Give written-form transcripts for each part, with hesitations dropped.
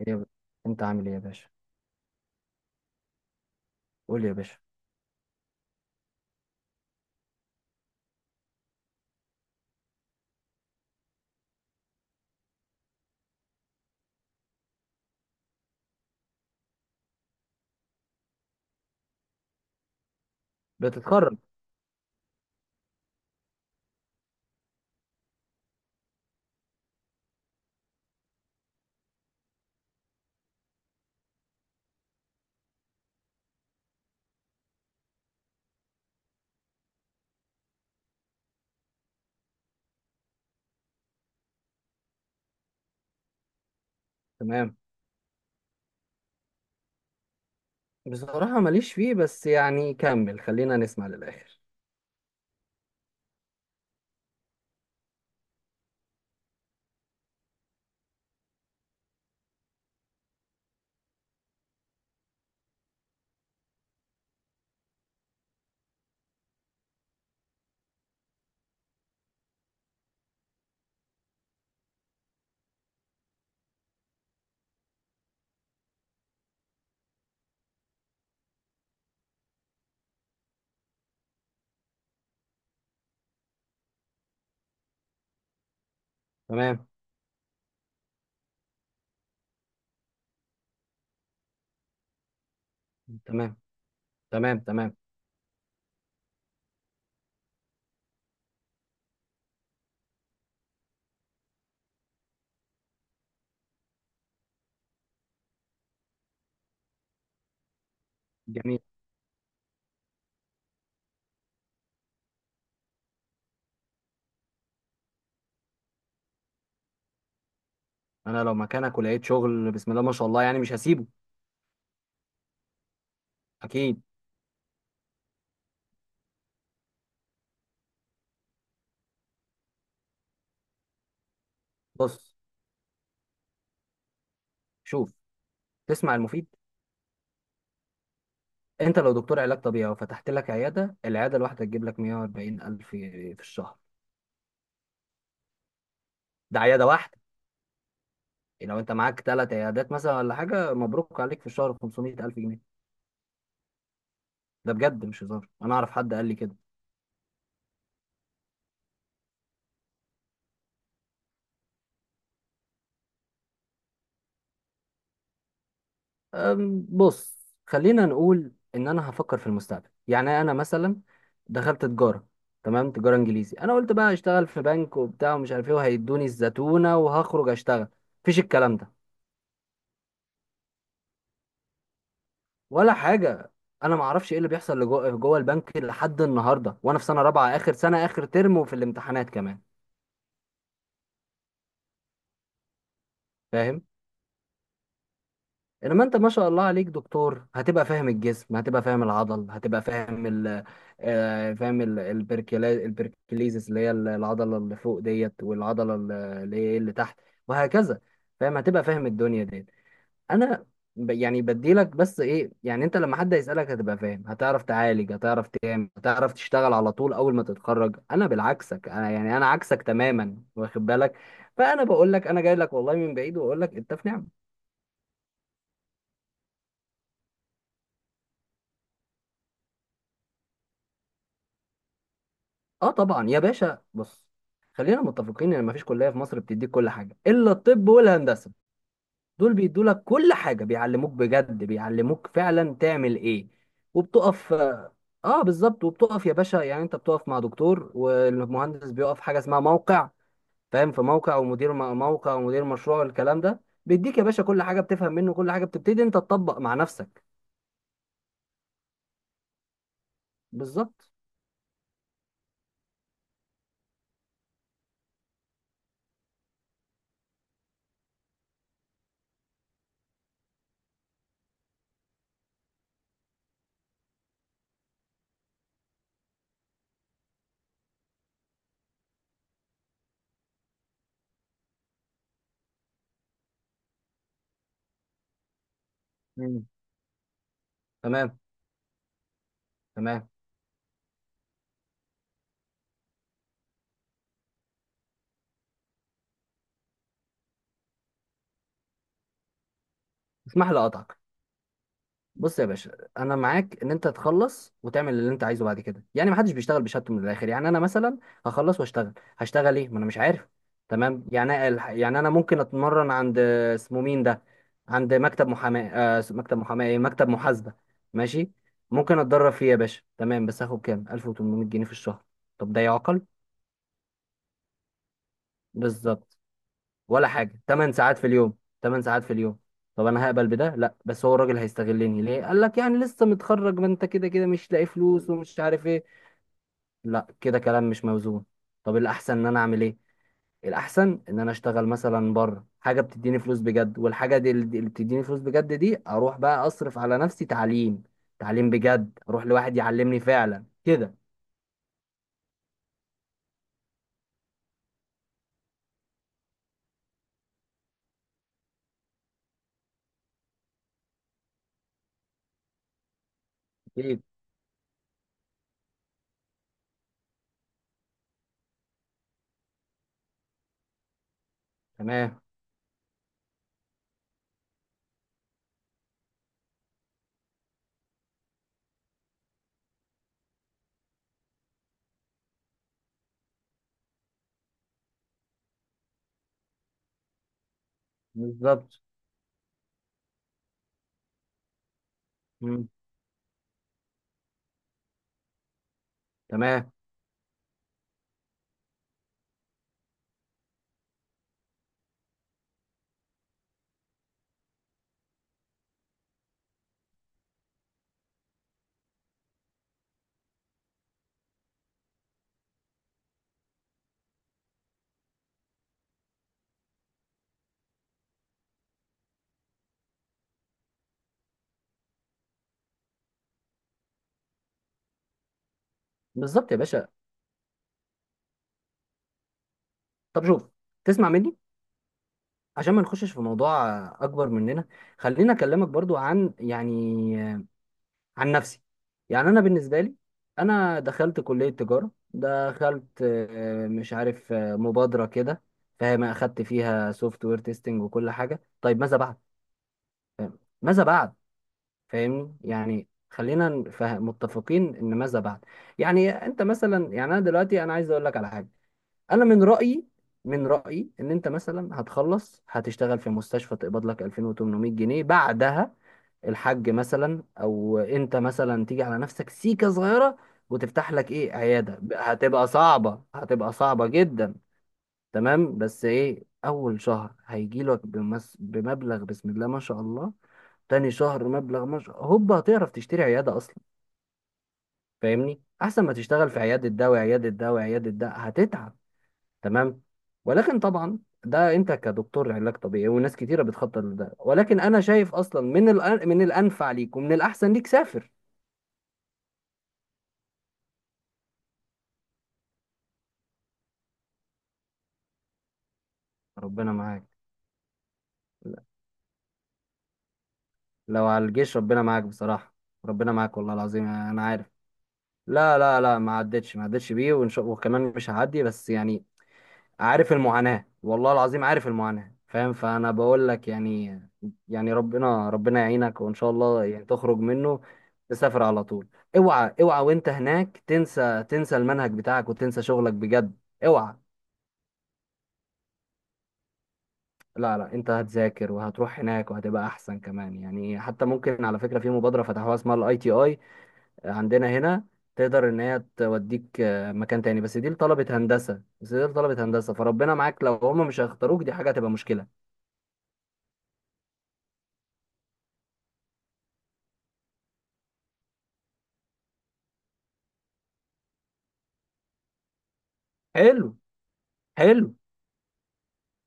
إيه يا ب- انت عامل ايه يا باشا؟ قول يا باشا. بتتخرج. تمام. بصراحة ماليش فيه، بس يعني كمل خلينا نسمع للآخر. تمام، تمام، تمام، تمام. جميل. انا لو مكانك ولقيت شغل بسم الله ما شاء الله يعني مش هسيبه. اكيد. بص، شوف، تسمع المفيد. انت لو دكتور علاج طبيعي وفتحت لك عيادة، العيادة الواحدة تجيب لك 140 الف في الشهر. ده عيادة واحدة. لو انت معاك ثلاث عيادات مثلا ولا حاجة مبروك عليك، في الشهر 500 الف جنيه. ده بجد مش هزار، انا اعرف حد قال لي كده. بص، خلينا نقول ان انا هفكر في المستقبل، يعني انا مثلا دخلت تجاره. تمام تجاره انجليزي، انا قلت بقى هشتغل في بنك وبتاع ومش عارف ايه، وهيدوني الزتونه وهخرج اشتغل. مفيش الكلام ده، ولا حاجه. انا ما اعرفش ايه اللي بيحصل لجوه جوه البنك لحد النهارده، وانا في سنه رابعه، اخر سنه، اخر ترم، وفي الامتحانات كمان. فاهم. انما انت ما شاء الله عليك دكتور، هتبقى فاهم الجسم، هتبقى فاهم العضل، هتبقى فاهم ال آه، فاهم ال- البركيليزس اللي هي العضله اللي فوق ديت، والعضله اللي هي اللي تحت، وهكذا. فاهم، هتبقى فاهم الدنيا ديت. انا يعني بديلك، بس ايه، يعني انت لما حد يسالك هتبقى فاهم، هتعرف تعالج، هتعرف تعمل، هتعرف تشتغل على طول اول ما تتخرج. انا بالعكسك، انا يعني انا عكسك تماما، واخد بالك. فانا بقول لك انا جاي لك والله من بعيد، واقول لك انت في نعمه. اه طبعا يا باشا، بص. خلينا متفقين ان مفيش كليه في مصر بتديك كل حاجه الا الطب والهندسه. دول بيدوا لك كل حاجه، بيعلموك بجد، بيعلموك فعلا تعمل ايه، وبتقف. اه بالظبط، وبتقف يا باشا، يعني انت بتقف مع دكتور، والمهندس بيقف حاجه اسمها موقع. فاهم، في موقع ومدير موقع ومدير مشروع والكلام ده. بيديك يا باشا كل حاجه، بتفهم منه كل حاجه، بتبتدي انت تطبق مع نفسك. بالظبط. مم. تمام، تمام. اسمح لي اقطعك. بص يا باشا، انا معاك ان انت تخلص وتعمل اللي انت عايزه بعد كده، يعني محدش بيشتغل بشهادته من الاخر، يعني انا مثلا هخلص واشتغل. هشتغل ايه؟ ما انا مش عارف. تمام. يعني يعني انا ممكن اتمرن عند اسمه مين ده، عند مكتب محاماه. مكتب محاماه ايه، مكتب محاسبه. ماشي، ممكن اتدرب فيه يا باشا، تمام، بس هاخد كام؟ 1800 جنيه في الشهر؟ طب ده يعقل؟ بالظبط. ولا حاجه، 8 ساعات في اليوم. 8 ساعات في اليوم. طب انا هقبل بده؟ لا، بس هو الراجل هيستغلني ليه؟ قال لك يعني لسه متخرج، ما انت كده كده مش لاقي فلوس ومش عارف ايه. لا، كده كلام مش موزون. طب الاحسن ان انا اعمل ايه؟ الاحسن ان انا اشتغل مثلا بره حاجه بتديني فلوس بجد، والحاجه دي اللي بتديني فلوس بجد، دي اروح بقى اصرف على نفسي تعليم. تعليم بجد، اروح لواحد يعلمني فعلا كده. اكيد. تمام. بالظبط. مم. تمام. بالظبط يا باشا، طب شوف، تسمع مني عشان ما نخشش في موضوع اكبر مننا. خلينا اكلمك برضو عن، يعني، عن نفسي. يعني انا بالنسبه لي، انا دخلت كليه تجاره، دخلت مش عارف مبادره كده. فاهم، اخدت فيها سوفت وير تيستنج وكل حاجه، طيب ماذا بعد؟ ماذا بعد؟ فاهمني، يعني خلينا متفقين ان ماذا بعد. يعني انت مثلا، يعني انا دلوقتي، انا عايز اقول لك على حاجه. انا من رايي، من رايي ان انت مثلا هتخلص، هتشتغل في مستشفى تقبض لك 2800 جنيه بعدها الحاج مثلا، او انت مثلا تيجي على نفسك سيكه صغيره، وتفتح لك ايه عياده، هتبقى صعبه، هتبقى صعبه جدا. تمام، بس ايه اول شهر هيجي لك بمبلغ بسم الله ما شاء الله. تاني شهر مبلغ ما شاء، هوبا هتعرف تشتري عياده اصلا. فاهمني، احسن ما تشتغل في عياده ده وعياده ده وعياده ده، هتتعب. تمام. ولكن طبعا، ده انت كدكتور علاج طبيعي، وناس كتيره بتخطط لده، ولكن انا شايف اصلا من الانفع ليك ومن الاحسن ليك سافر. ربنا معاك. لا، لو على الجيش ربنا معاك بصراحه. ربنا معاك والله العظيم، انا عارف. لا، لا، لا، ما عدتش بيه، وان شاء وكمان مش هعدي، بس يعني عارف المعاناة، والله العظيم عارف المعاناة، فاهم، فأنا بقول لك يعني، يعني ربنا يعينك، وإن شاء الله يعني تخرج منه. تسافر على طول. اوعى، اوعى، وانت هناك تنسى المنهج بتاعك وتنسى شغلك بجد. اوعى. لا، لا، انت هتذاكر وهتروح هناك وهتبقى احسن كمان، يعني حتى ممكن، على فكرة، في مبادرة فتحوها اسمها الـ ITI عندنا هنا. تقدر ان هي توديك مكان تاني، بس دي لطلبة هندسة، بس دي لطلبة هندسة، فربنا معاك لو هم مش هيختاروك، دي حاجة هتبقى مشكلة. حلو. حلو،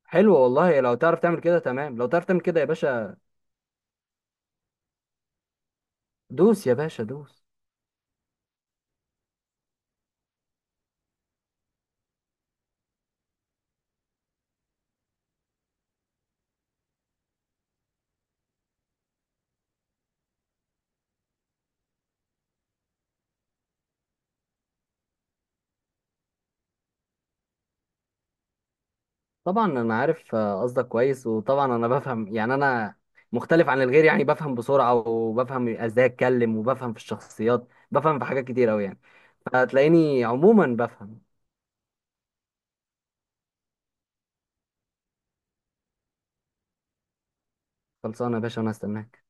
حلو، والله لو تعرف تعمل كده تمام، لو تعرف تعمل كده يا باشا. دوس يا باشا دوس. طبعا انا عارف قصدك كويس، وطبعا انا بفهم، يعني انا مختلف عن الغير، يعني بفهم بسرعة، وبفهم ازاي اتكلم، وبفهم في الشخصيات، بفهم في حاجات كتير اوي يعني. فتلاقيني عموما بفهم. خلصانه يا باشا، انا هستناك.